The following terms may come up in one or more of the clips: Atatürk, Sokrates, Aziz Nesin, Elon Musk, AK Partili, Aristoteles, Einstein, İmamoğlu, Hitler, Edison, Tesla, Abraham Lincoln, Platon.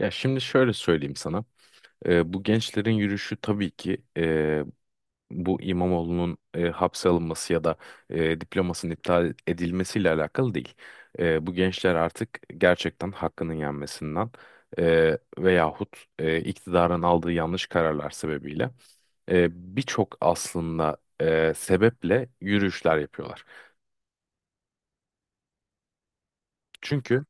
Ya şimdi şöyle söyleyeyim sana. Bu gençlerin yürüyüşü tabii ki bu İmamoğlu'nun hapse alınması ya da diplomasının iptal edilmesiyle alakalı değil. Bu gençler artık gerçekten hakkının yenmesinden veyahut iktidarın aldığı yanlış kararlar sebebiyle birçok aslında sebeple yürüyüşler yapıyorlar. Çünkü.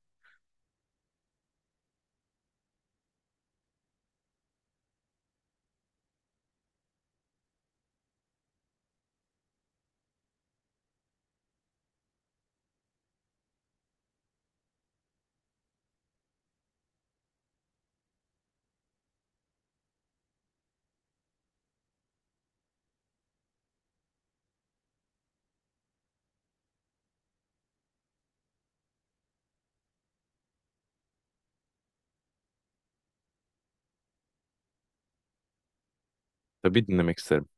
Tabii, dinlemek isterim.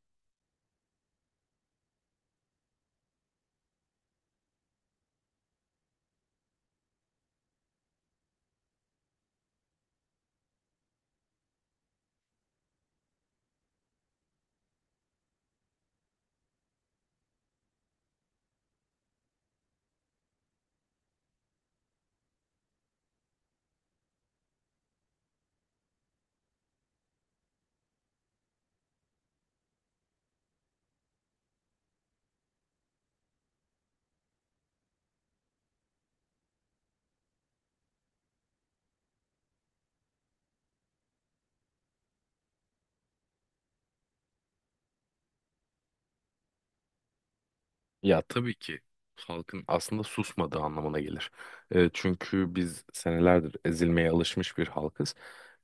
Ya tabii ki halkın aslında susmadığı anlamına gelir. Çünkü biz senelerdir ezilmeye alışmış bir halkız.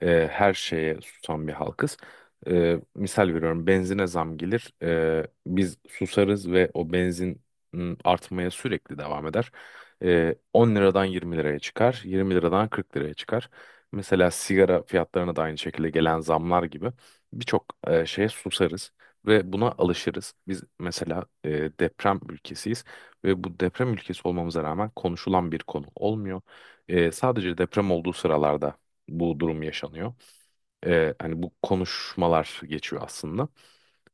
Her şeye susan bir halkız. Misal veriyorum, benzine zam gelir. Biz susarız ve o benzin artmaya sürekli devam eder. 10 liradan 20 liraya çıkar. 20 liradan 40 liraya çıkar. Mesela sigara fiyatlarına da aynı şekilde gelen zamlar gibi birçok şeye susarız. Ve buna alışırız. Biz mesela deprem ülkesiyiz ve bu deprem ülkesi olmamıza rağmen konuşulan bir konu olmuyor. Sadece deprem olduğu sıralarda bu durum yaşanıyor. Hani bu konuşmalar geçiyor aslında.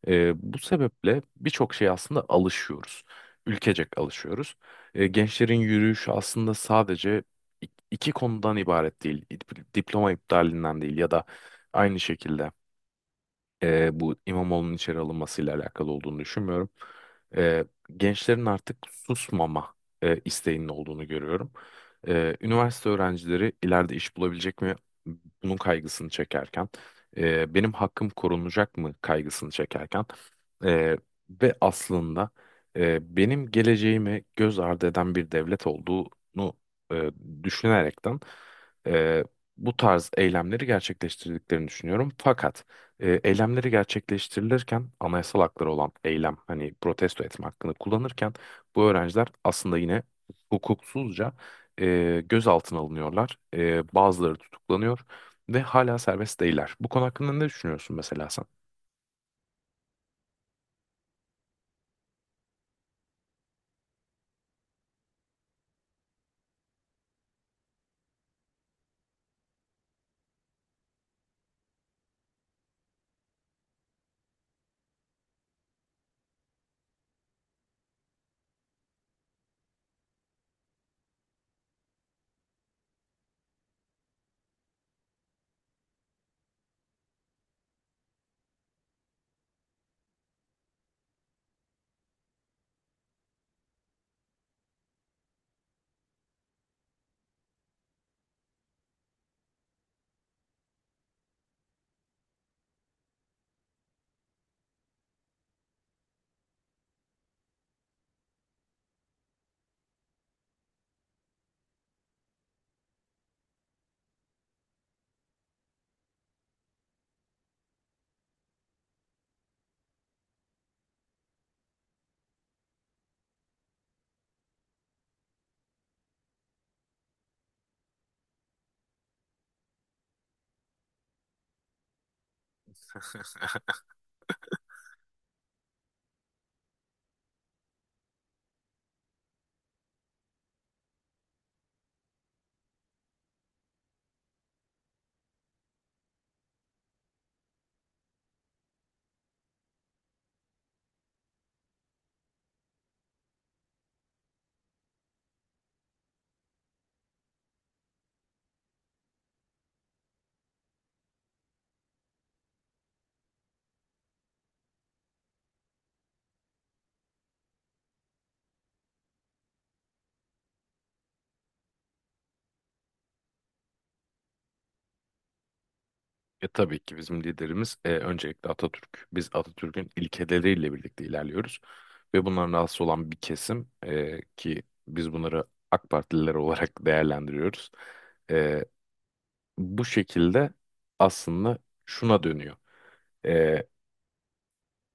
Bu sebeple birçok şeye aslında alışıyoruz. Ülkecek alışıyoruz. Gençlerin yürüyüşü aslında sadece iki konudan ibaret değil. Diploma iptalinden değil ya da aynı şekilde bu İmamoğlu'nun içeri alınmasıyla alakalı olduğunu düşünmüyorum. E, Gençlerin artık susmama isteğinin olduğunu görüyorum. Üniversite öğrencileri ileride iş bulabilecek mi? Bunun kaygısını çekerken, benim hakkım korunacak mı kaygısını çekerken e, ve aslında benim geleceğimi göz ardı eden bir devlet olduğunu e, düşünerekten e, bu tarz eylemleri gerçekleştirdiklerini düşünüyorum. Fakat eylemleri gerçekleştirilirken anayasal hakları olan eylem, hani protesto etme hakkını kullanırken bu öğrenciler aslında yine hukuksuzca gözaltına alınıyorlar. Bazıları tutuklanıyor ve hala serbest değiller. Bu konu hakkında ne düşünüyorsun mesela sen? Tabii ki bizim liderimiz öncelikle Atatürk. Biz Atatürk'ün ilkeleriyle birlikte ilerliyoruz ve bundan rahatsız olan bir kesim ki biz bunları AK Partililer olarak değerlendiriyoruz. E, Bu şekilde aslında şuna dönüyor. Ee,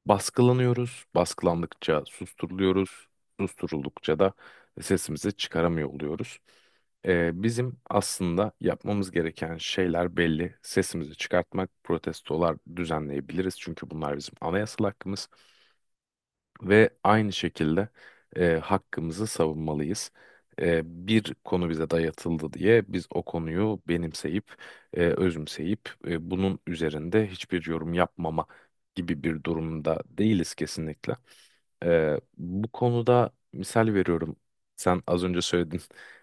Baskılanıyoruz, baskılandıkça susturuluyoruz, susturuldukça da sesimizi çıkaramıyor oluyoruz. Bizim aslında yapmamız gereken şeyler belli. Sesimizi çıkartmak, protestolar düzenleyebiliriz, çünkü bunlar bizim anayasal hakkımız ve aynı şekilde hakkımızı savunmalıyız. E, Bir konu bize dayatıldı diye biz o konuyu benimseyip, özümseyip, bunun üzerinde hiçbir yorum yapmama gibi bir durumda değiliz kesinlikle. Bu konuda misal veriyorum. Sen az önce söyledin,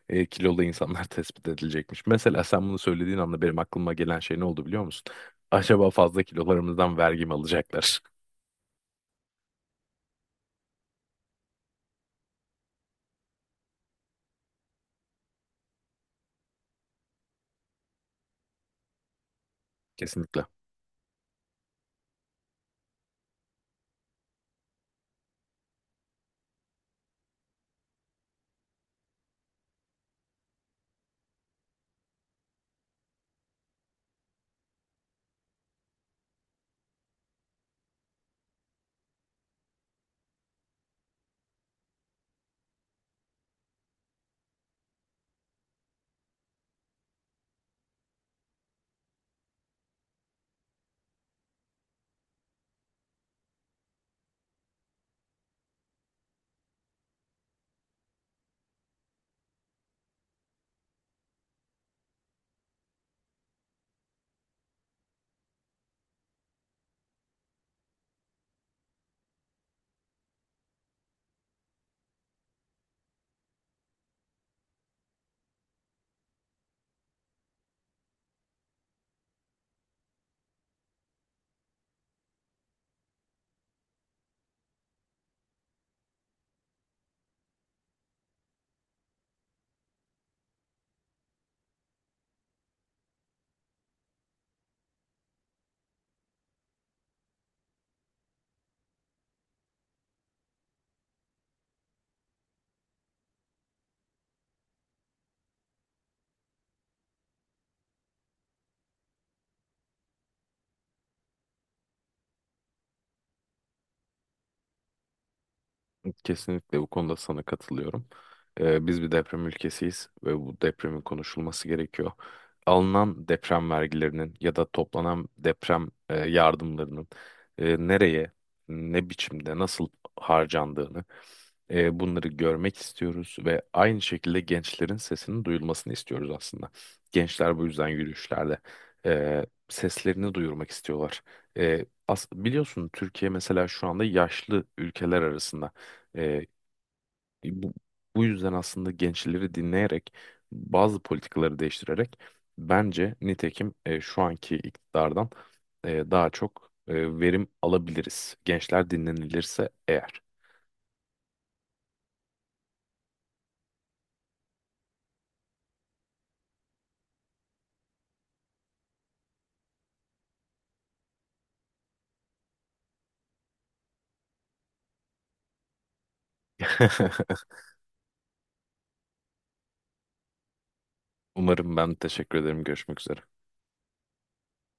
kilolu insanlar tespit edilecekmiş. Mesela sen bunu söylediğin anda benim aklıma gelen şey ne oldu biliyor musun? Acaba fazla kilolarımızdan vergi mi alacaklar? Kesinlikle. Kesinlikle bu konuda sana katılıyorum. Biz bir deprem ülkesiyiz ve bu depremin konuşulması gerekiyor. Alınan deprem vergilerinin ya da toplanan deprem yardımlarının nereye, ne biçimde, nasıl harcandığını, bunları görmek istiyoruz ve aynı şekilde gençlerin sesinin duyulmasını istiyoruz aslında. Gençler bu yüzden yürüyüşlerde seslerini duyurmak istiyorlar. Biliyorsun, Türkiye mesela şu anda yaşlı ülkeler arasında. Ee, bu, bu yüzden aslında gençleri dinleyerek, bazı politikaları değiştirerek, bence nitekim şu anki iktidardan daha çok verim alabiliriz. Gençler dinlenilirse eğer. Umarım. Ben teşekkür ederim. Görüşmek üzere.